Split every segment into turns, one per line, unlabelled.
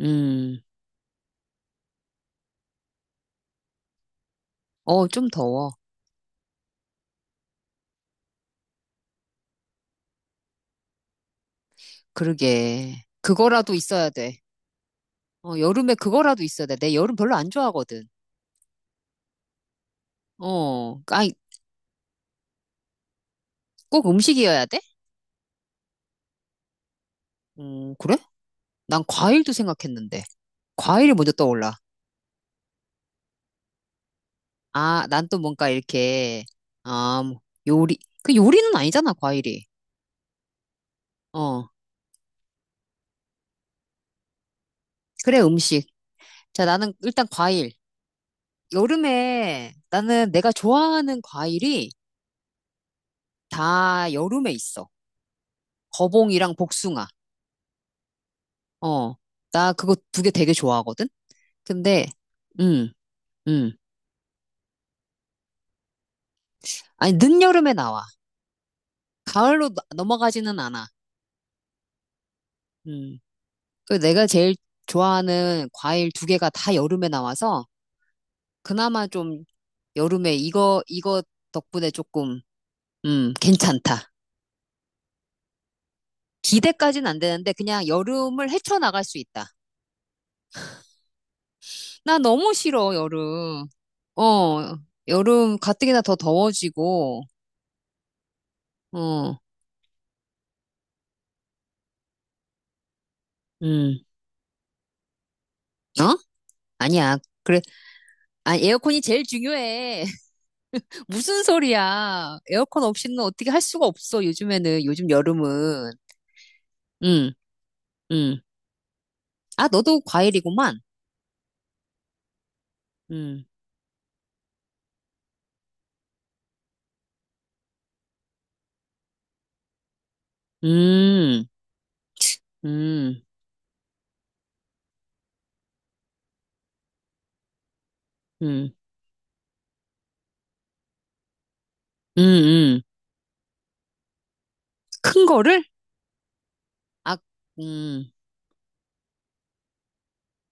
음, 어, 좀 더워. 그러게. 그거라도 있어야 돼. 어, 여름에 그거라도 있어야 돼. 내 여름 별로 안 좋아하거든. 어, 아니, 꼭 음식이어야 돼? 그래? 난 과일도 생각했는데. 과일이 먼저 떠올라. 아, 난 또 뭔가 이렇게, 아, 뭐, 요리. 그 요리는 아니잖아, 과일이. 어, 그래, 음식. 자, 나는 일단 과일. 여름에 나는 내가 좋아하는 과일이 다 여름에 있어. 거봉이랑 복숭아. 어, 나 그거 두 개 되게 좋아하거든? 근데, 음, 음. 아니, 늦여름에 나와. 가을로 넘어가지는 않아. 음. 그 내가 제일 좋아하는 과일 두 개가 다 여름에 나와서, 그나마 좀 여름에 이거, 이거 덕분에 조금, 괜찮다. 기대까지는 안 되는데, 그냥 여름을 헤쳐나갈 수 있다. 나 너무 싫어, 여름. 어, 여름 가뜩이나 더 더워지고, 어, 음, 어? 아니야. 아, 에어컨이 제일 중요해. 무슨 소리야. 에어컨 없이는 어떻게 할 수가 없어, 요즘에는. 요즘 여름은. 응, 응. 아, 너도 과일이구만. 응, 음, 음, 음, 음, 음. 큰 거를? 아, 음,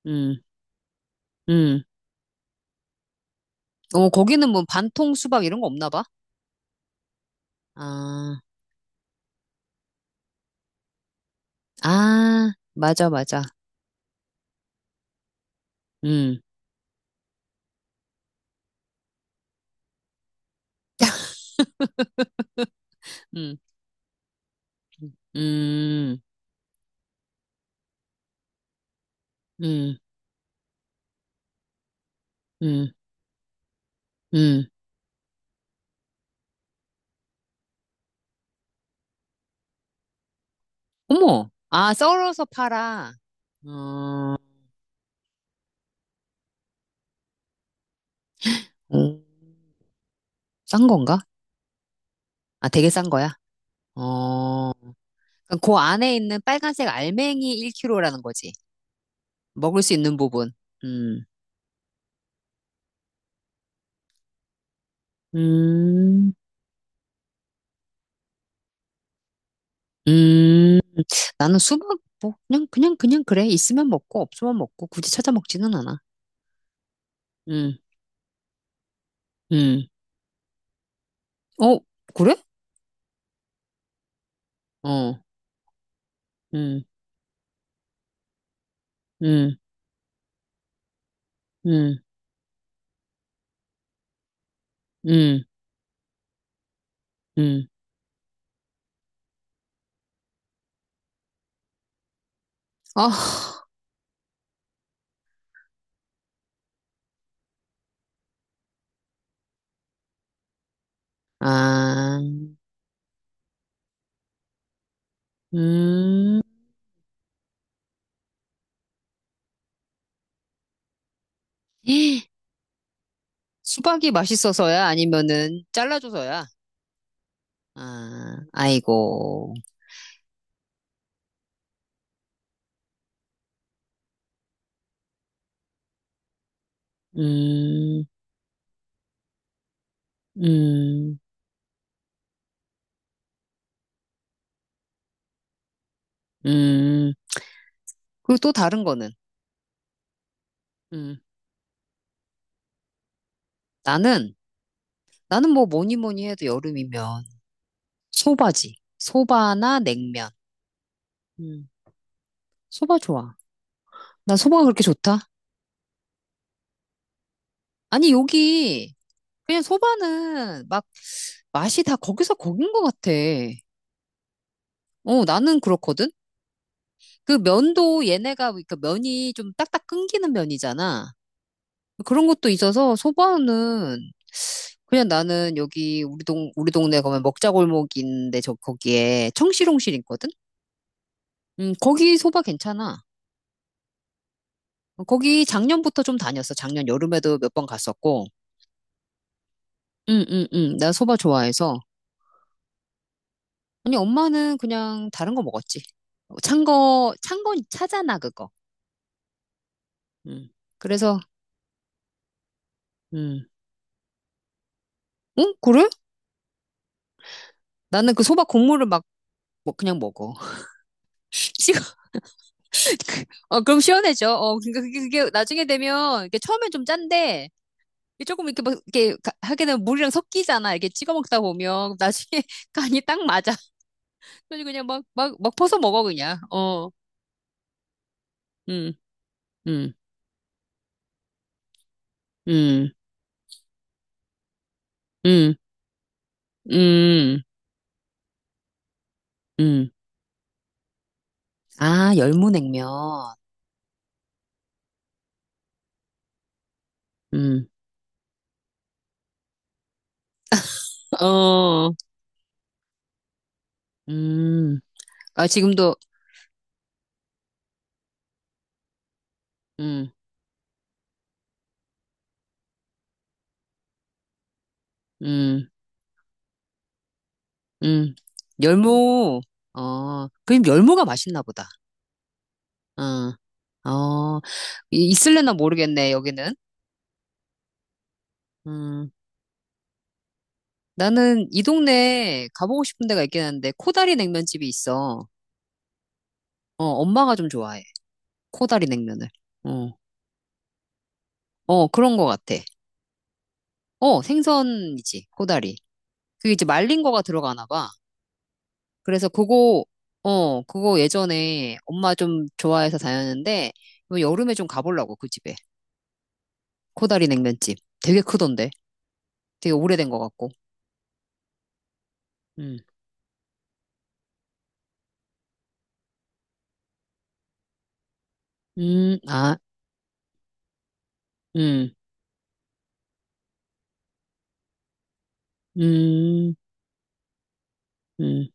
음, 음. 어, 거기는 뭐 반통 수박 이런 거 없나 봐. 아, 아, 맞아, 맞아. 음, 음, 음, 음, 음, 음. 어머, 아, 썰어서 팔아. 어. 음, 싼 건가? 아, 되게 싼 거야? 어, 그럼 그 안에 있는 빨간색 알맹이 1kg라는 거지. 먹을 수 있는 부분. 음, 음, 음. 나는 수박, 뭐, 그냥, 그냥, 그냥 그래. 있으면 먹고, 없으면 먹고, 굳이 찾아 먹지는 않아. 음, 음. 어, 그래? 어, 음, 음, 음, 음, 음. 아, 아, 음. 수박이 맛있어서야? 아니면은, 잘라줘서야? 아, 아이고. 음, 음, 음. 그리고 또 다른 거는, 음, 나는, 나는 뭐 뭐니 뭐니 해도 여름이면 소바지. 소바나 냉면. 음, 소바 좋아. 나 소바가 그렇게 좋다? 아니, 여기, 그냥 소바는 막 맛이 다 거기서 거긴 것 같아. 어, 나는 그렇거든? 그 면도 얘네가, 그러니까 면이 좀 딱딱 끊기는 면이잖아. 그런 것도 있어서 소바는 그냥 나는 여기 우리 동 우리 동네 가면 먹자골목인데 저 거기에 청실홍실 있거든. 거기 소바 괜찮아. 거기 작년부터 좀 다녔어. 작년 여름에도 몇 번 갔었고. 응응응. 나 소바 좋아해서. 아니 엄마는 그냥 다른 거 먹었지. 찬 거, 찬 거 차잖아 그거. 음. 그래서 음. 응? 그래? 나는 그 소바 국물을 막 뭐 그냥 먹어. 어, 그럼 시원해져. 어, 그러니까 그게, 그게 나중에 되면, 이게 처음엔 좀 짠데, 이게 조금 이렇게 막, 이렇게 하게 되면 물이랑 섞이잖아. 이렇게 찍어 먹다 보면, 나중에 간이 딱 맞아. 그래서 그냥 막, 막, 막 퍼서 먹어, 그냥. 어, 음, 음, 음, 음, 음, 음. 아, 열무냉면. 음, 어, 음. 아, 지금도, 음, 음, 음. 열무, 어, 그럼 열무가 맛있나 보다. 어, 있을래나 모르겠네, 여기는. 음, 나는 이 동네에 가보고 싶은 데가 있긴 한데, 코다리 냉면집이 있어. 어, 엄마가 좀 좋아해. 코다리 냉면을. 어, 어, 그런 거 같아. 어, 생선이지, 코다리. 그게 이제 말린 거가 들어가나 봐. 그래서 그거, 어, 그거 예전에 엄마 좀 좋아해서 다녔는데, 이번 여름에 좀 가보려고, 그 집에. 코다리 냉면집. 되게 크던데. 되게 오래된 거 같고. 음, 아, 음, 음. 음.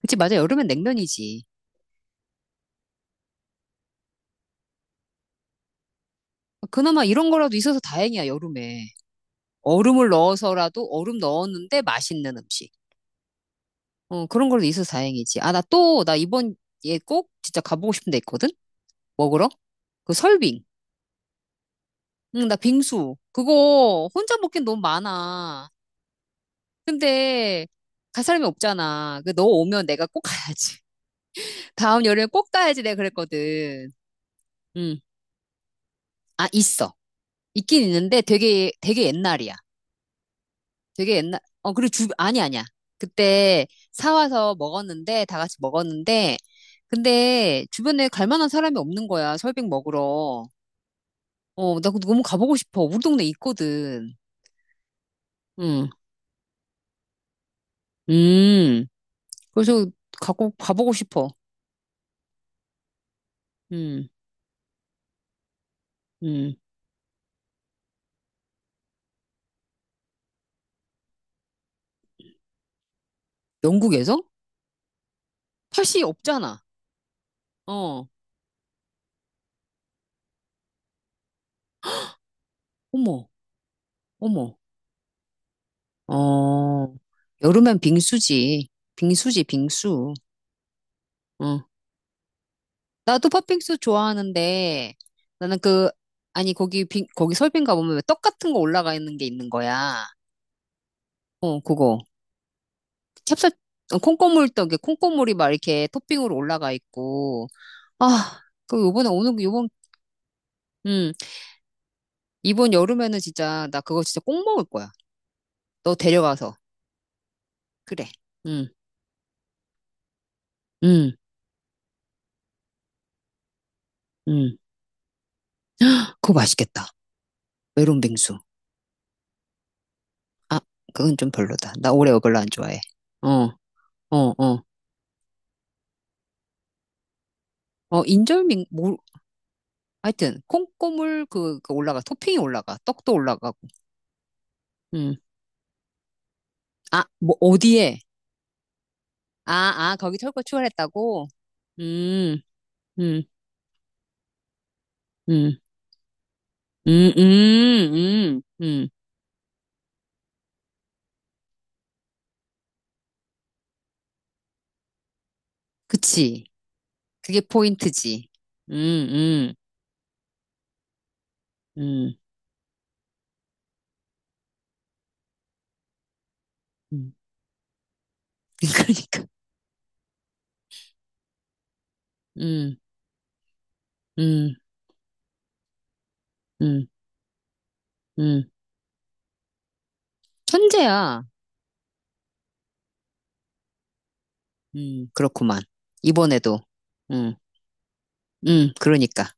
그치, 맞아. 여름엔 냉면이지. 그나마 이런 거라도 있어서 다행이야, 여름에. 얼음을 넣어서라도 얼음 넣었는데 맛있는 음식. 어, 그런 걸로 있어서 다행이지. 아, 나 또, 나 이번 에꼭 진짜 가보고 싶은 데 있거든? 먹으러? 그 설빙. 응, 나 빙수. 그거 혼자 먹긴 너무 많아. 근데 갈 사람이 없잖아. 그 너 오면 내가 꼭 가야지. 다음 여름에 꼭 가야지 내가 그랬거든. 응. 아, 있어. 있긴 있는데 되게, 되게 옛날이야. 되게 옛날, 어, 그리고 주, 아니, 아니야. 그때 사와서 먹었는데, 다 같이 먹었는데, 근데 주변에 갈 만한 사람이 없는 거야. 설빙 먹으러. 어, 나그 너무 가보고 싶어. 우리 동네 있거든. 응, 음. 그래서 가고, 가보고 싶어. 음, 음. 영국에서? 팥이 없잖아. 어, 어머, 어머. 어, 여름엔 빙수지. 빙수지, 빙수. 어. 나도 팥빙수 좋아하는데 나는 그 아니 거기 거기 설빙가 보면 왜 떡 같은 거 올라가 있는 게 있는 거야. 어 그거 찹쌀 어, 콩고물 떡에 콩고물이 막 이렇게 토핑으로 올라가 있고 아그 요번에 오는 요번 음 이번 여름에는 진짜 나 그거 진짜 꼭 먹을 거야. 너 데려가서 그래. 음 음, 음. 그거 맛있겠다. 메론 빙수. 아 그건 좀 별로다. 나 올해 별로 안 좋아해. 어 어, 어. 어, 인절미, 뭐, 하여튼 콩고물 그, 그 올라가 토핑이 올라가 떡도 올라가고 음. 아, 뭐 어디에? 아, 아, 거기 털고 출혈했다고? 음, 음, 음, 음, 음, 음, 음. 그치. 그게 포인트지. 음, 음, 음, 음. 그러니까. 음, 음, 음, 음. 천재야. 그렇구만. 이번에도. 음, 그러니까.